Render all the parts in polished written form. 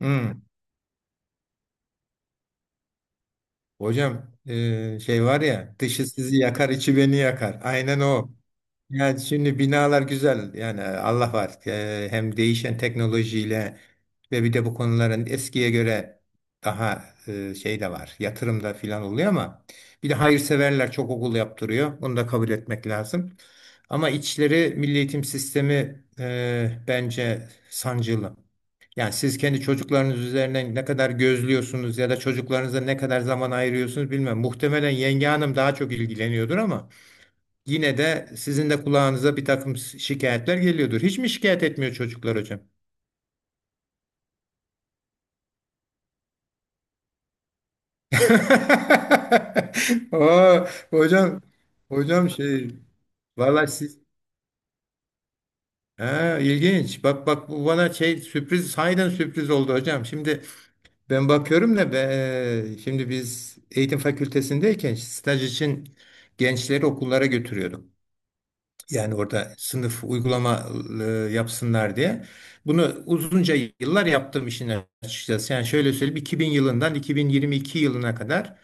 Hmm. Hocam şey var ya dışı sizi yakar içi beni yakar. Aynen o. Yani şimdi binalar güzel, yani Allah var. Hem değişen teknolojiyle ve bir de bu konuların eskiye göre daha şey de var, yatırım da filan oluyor ama bir de hayırseverler çok okul yaptırıyor, bunu da kabul etmek lazım. Ama içleri, milli eğitim sistemi, bence sancılı. Yani siz kendi çocuklarınız üzerinden ne kadar gözlüyorsunuz ya da çocuklarınıza ne kadar zaman ayırıyorsunuz bilmem. Muhtemelen yenge hanım daha çok ilgileniyordur ama yine de sizin de kulağınıza bir takım şikayetler geliyordur. Hiç mi şikayet etmiyor çocuklar hocam? Oo, hocam, hocam, vallahi siz, ha, ilginç. Bak, bu bana şey, sürpriz, sahiden sürpriz oldu hocam. Şimdi ben bakıyorum da be, şimdi biz eğitim fakültesindeyken staj için gençleri okullara götürüyorduk. Yani orada sınıf uygulama e, yapsınlar diye. Bunu uzunca yıllar yaptım işin açıkçası. Yani şöyle söyleyeyim, 2000 yılından 2022 yılına kadar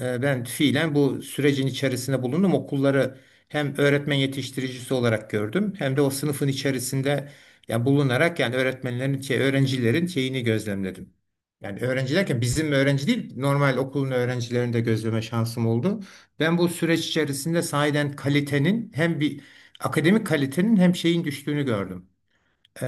ben fiilen bu sürecin içerisinde bulundum. Okulları hem öğretmen yetiştiricisi olarak gördüm hem de o sınıfın içerisinde yani bulunarak, yani öğretmenlerin şey, öğrencilerin şeyini gözlemledim. Yani öğrenci derken bizim öğrenci değil, normal okulun öğrencilerini de gözleme şansım oldu. Ben bu süreç içerisinde sahiden kalitenin, hem bir akademik kalitenin hem şeyin düştüğünü gördüm. Ee,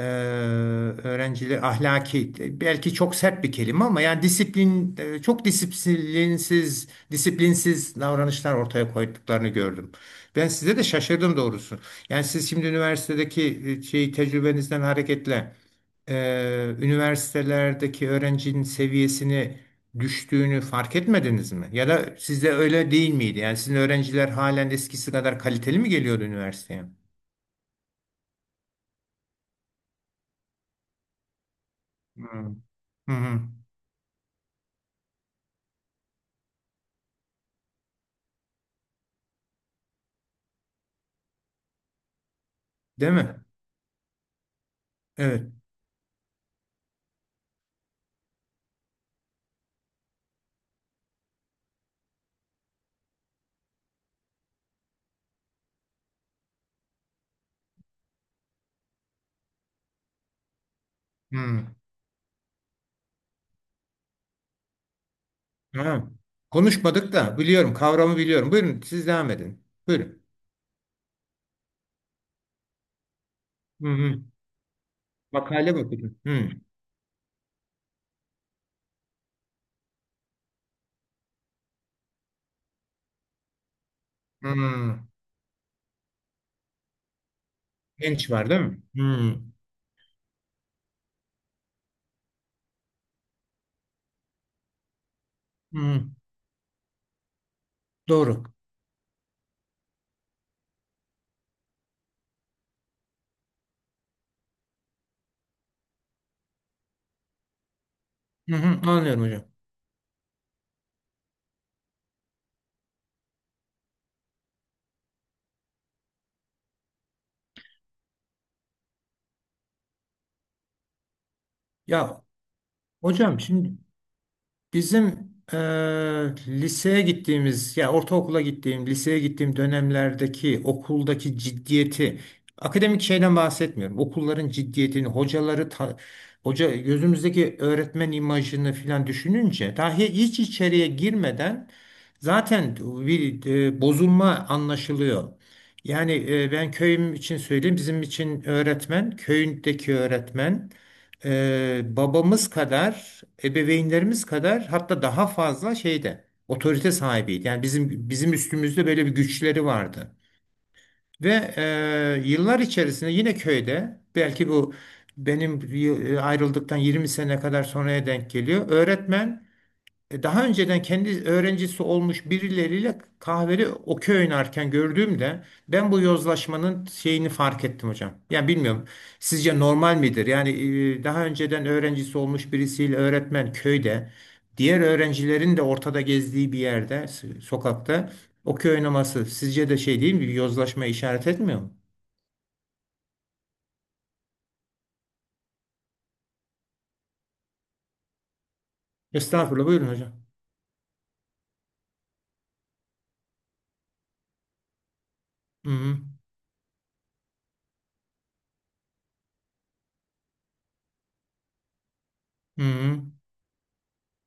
öğrenciler ahlaki, belki çok sert bir kelime ama, yani disiplin, çok disiplinsiz, davranışlar ortaya koyduklarını gördüm. Ben size de şaşırdım doğrusu. Yani siz şimdi üniversitedeki şey, tecrübenizden hareketle üniversitelerdeki öğrencinin seviyesini düştüğünü fark etmediniz mi? Ya da sizde öyle değil miydi? Yani sizin öğrenciler halen eskisi kadar kaliteli mi geliyordu üniversiteye? Hmm. Hı hı. Değil mi? Evet. Hmm. Ha. Konuşmadık da biliyorum, kavramı biliyorum. Buyurun siz devam edin. Buyurun. Hı hı. Makale, bakın. Hı. Hı. Genç var değil mi? Hı. Hı. Doğru. Hı hı. Anlıyorum hocam. Ya hocam, şimdi bizim liseye gittiğimiz, ya ortaokula gittiğim, liseye gittiğim dönemlerdeki okuldaki ciddiyeti, akademik şeyden bahsetmiyorum, okulların ciddiyetini, hocaları, hoca, gözümüzdeki öğretmen imajını filan düşününce, dahi hiç içeriye girmeden zaten bir bozulma anlaşılıyor. Yani ben köyüm için söyleyeyim, bizim için öğretmen, köyündeki öğretmen, babamız kadar, ebeveynlerimiz kadar, hatta daha fazla şeyde, otorite sahibiydi. Yani bizim üstümüzde böyle bir güçleri vardı. Ve yıllar içerisinde yine köyde, belki bu benim ayrıldıktan 20 sene kadar sonraya denk geliyor. Öğretmen, daha önceden kendi öğrencisi olmuş birileriyle kahveli okey oynarken gördüğümde ben bu yozlaşmanın şeyini fark ettim hocam. Yani bilmiyorum, sizce normal midir? Yani daha önceden öğrencisi olmuş birisiyle öğretmen, köyde diğer öğrencilerin de ortada gezdiği bir yerde, sokakta okey oynaması sizce de şey değil mi? Bir yozlaşma işaret etmiyor mu? Estağfurullah, buyurun hocam. Hı hı. Hı hı.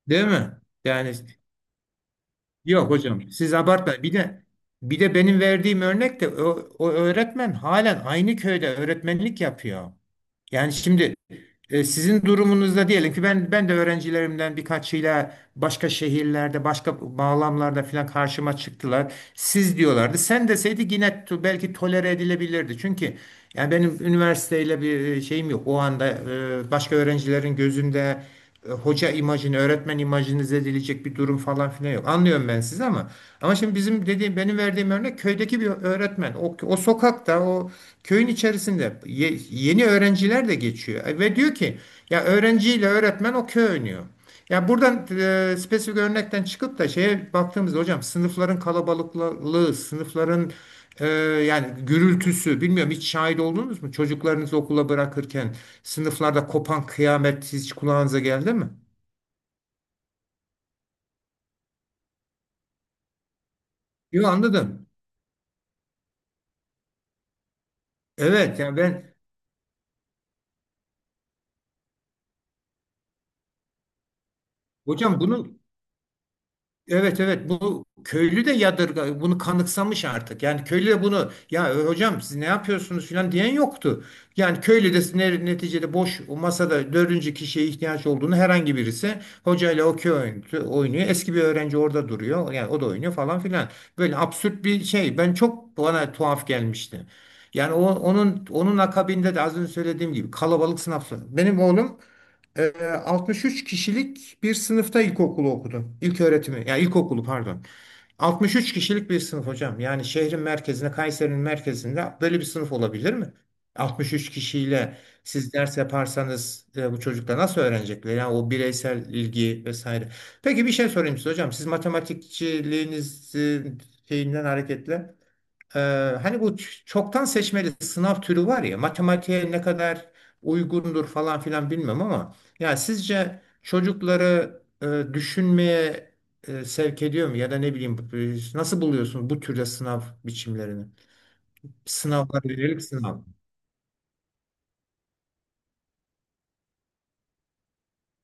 Değil mi? Yani, yok hocam, siz abartmayın. Bir de benim verdiğim örnek de o, o öğretmen halen aynı köyde öğretmenlik yapıyor. Yani şimdi sizin durumunuzda, diyelim ki, ben de öğrencilerimden birkaçıyla başka şehirlerde, başka bağlamlarda falan karşıma çıktılar. Siz diyorlardı. Sen deseydi yine belki tolere edilebilirdi. Çünkü yani benim üniversiteyle bir şeyim yok. O anda başka öğrencilerin gözünde hoca imajını, öğretmen imajını zedileyecek bir durum falan filan yok. Anlıyorum ben sizi, ama şimdi bizim dediğim, benim verdiğim örnek, köydeki bir öğretmen. O, o sokakta, o köyün içerisinde yeni öğrenciler de geçiyor. Ve diyor ki, ya öğrenciyle öğretmen, o köy oynuyor. Ya buradan spesifik örnekten çıkıp da şeye baktığımızda hocam, sınıfların kalabalıklığı, sınıfların ee, yani gürültüsü, bilmiyorum, hiç şahit oldunuz mu? Çocuklarınızı okula bırakırken sınıflarda kopan kıyamet hiç kulağınıza geldi mi? Yo, anladım. Evet, yani ben, hocam, bunu, evet, evet, bu köylü de yadırga, bunu kanıksamış artık. Yani köylü de bunu, ya hocam siz ne yapıyorsunuz filan diyen yoktu. Yani köylü de, neticede boş, o masada dördüncü kişiye ihtiyaç olduğunu, herhangi birisi hocayla okey oynuyor. Eski bir öğrenci orada duruyor. Yani o da oynuyor falan filan. Böyle absürt bir şey. Ben çok, bana tuhaf gelmişti. Yani o, onun akabinde de az önce söylediğim gibi kalabalık sınav. Benim oğlum, ee, 63 kişilik bir sınıfta ilkokulu okudum. İlk öğretimi, ya ilkokulu, pardon. 63 kişilik bir sınıf hocam. Yani şehrin merkezinde, Kayseri'nin merkezinde böyle bir sınıf olabilir mi? 63 kişiyle siz ders yaparsanız bu çocuklar nasıl öğrenecekler? Yani o bireysel ilgi vesaire. Peki bir şey sorayım size hocam. Siz matematikçiliğiniz, şeyinden hareketle. Ee, hani bu çoktan seçmeli sınav türü var ya, matematiğe ne kadar uygundur falan filan bilmem ama, ya sizce çocukları düşünmeye sevk ediyor mu, ya da ne bileyim, nasıl buluyorsun bu türde sınav biçimlerini? Sınavlar, yönelik sınav.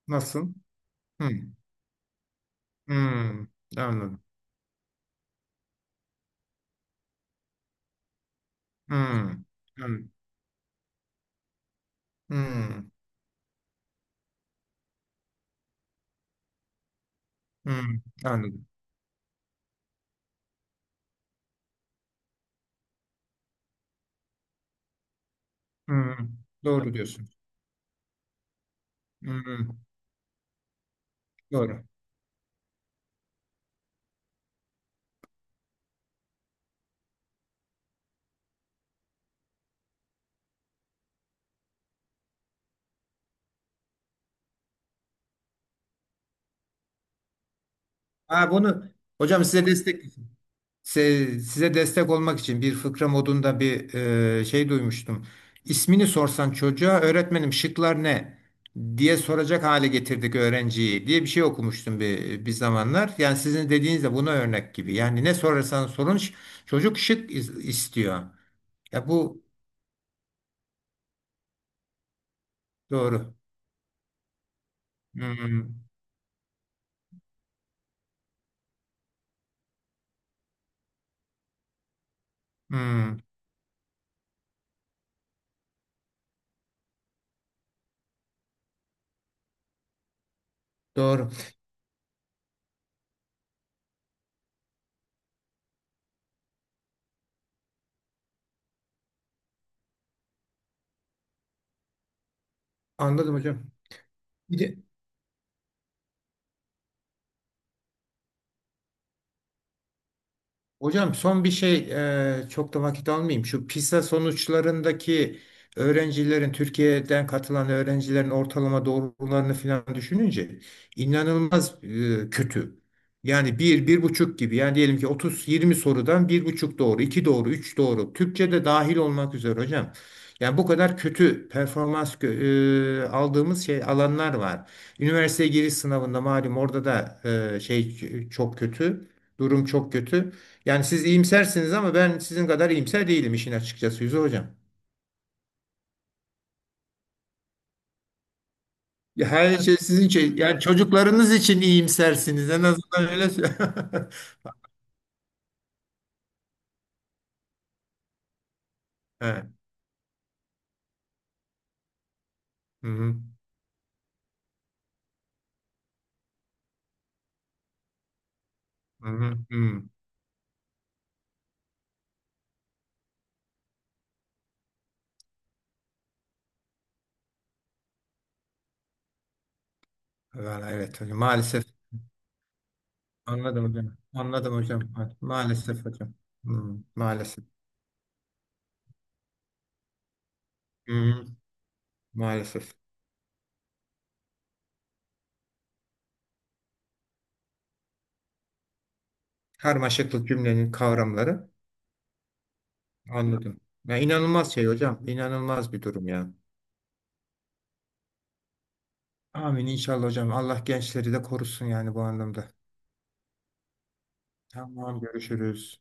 Nasıl? Hmm. Hmm. Anladım. Hmm. Hmm. Hmm. Hmm. Anladım. Hmm. Doğru diyorsun. Hmm. Doğru. Ha, bunu hocam size destek Se- Size destek olmak için bir fıkra modunda bir şey duymuştum. İsmini sorsan çocuğa, öğretmenim şıklar ne diye soracak hale getirdik öğrenciyi, diye bir şey okumuştum bir, bir zamanlar. Yani sizin dediğiniz de buna örnek gibi. Yani ne sorarsan sorun, çocuk şık istiyor. Ya bu doğru. Hmm, hmm, doğru. Anladım hocam. Bir de, hocam son bir şey, çok da vakit almayayım. Şu PISA sonuçlarındaki öğrencilerin, Türkiye'den katılan öğrencilerin ortalama doğrularını falan düşününce inanılmaz kötü. Yani bir, bir buçuk gibi. Yani diyelim ki 30-20 sorudan bir buçuk doğru, iki doğru, üç doğru. Türkçe de dahil olmak üzere hocam. Yani bu kadar kötü performans aldığımız şey, alanlar var. Üniversiteye giriş sınavında malum, orada da şey, çok kötü. Durum çok kötü. Yani siz iyimsersiniz ama ben sizin kadar iyimser değilim işin açıkçası, Yüzü Hocam. Ya her, evet, şey sizin şey. Yani çocuklarınız için iyimsersiniz. En azından öyle. Evet. Hı hı. Hı hı. Hı. Vallahi evet hocam. Maalesef. Anladım hocam. Anladım hocam. Maalesef hocam. Hı. Maalesef. Hı hı. Maalesef. Karmaşıklık, cümlenin kavramları. Anladım. Ya inanılmaz şey hocam. İnanılmaz bir durum ya. Amin inşallah hocam. Allah gençleri de korusun yani bu anlamda. Tamam, görüşürüz.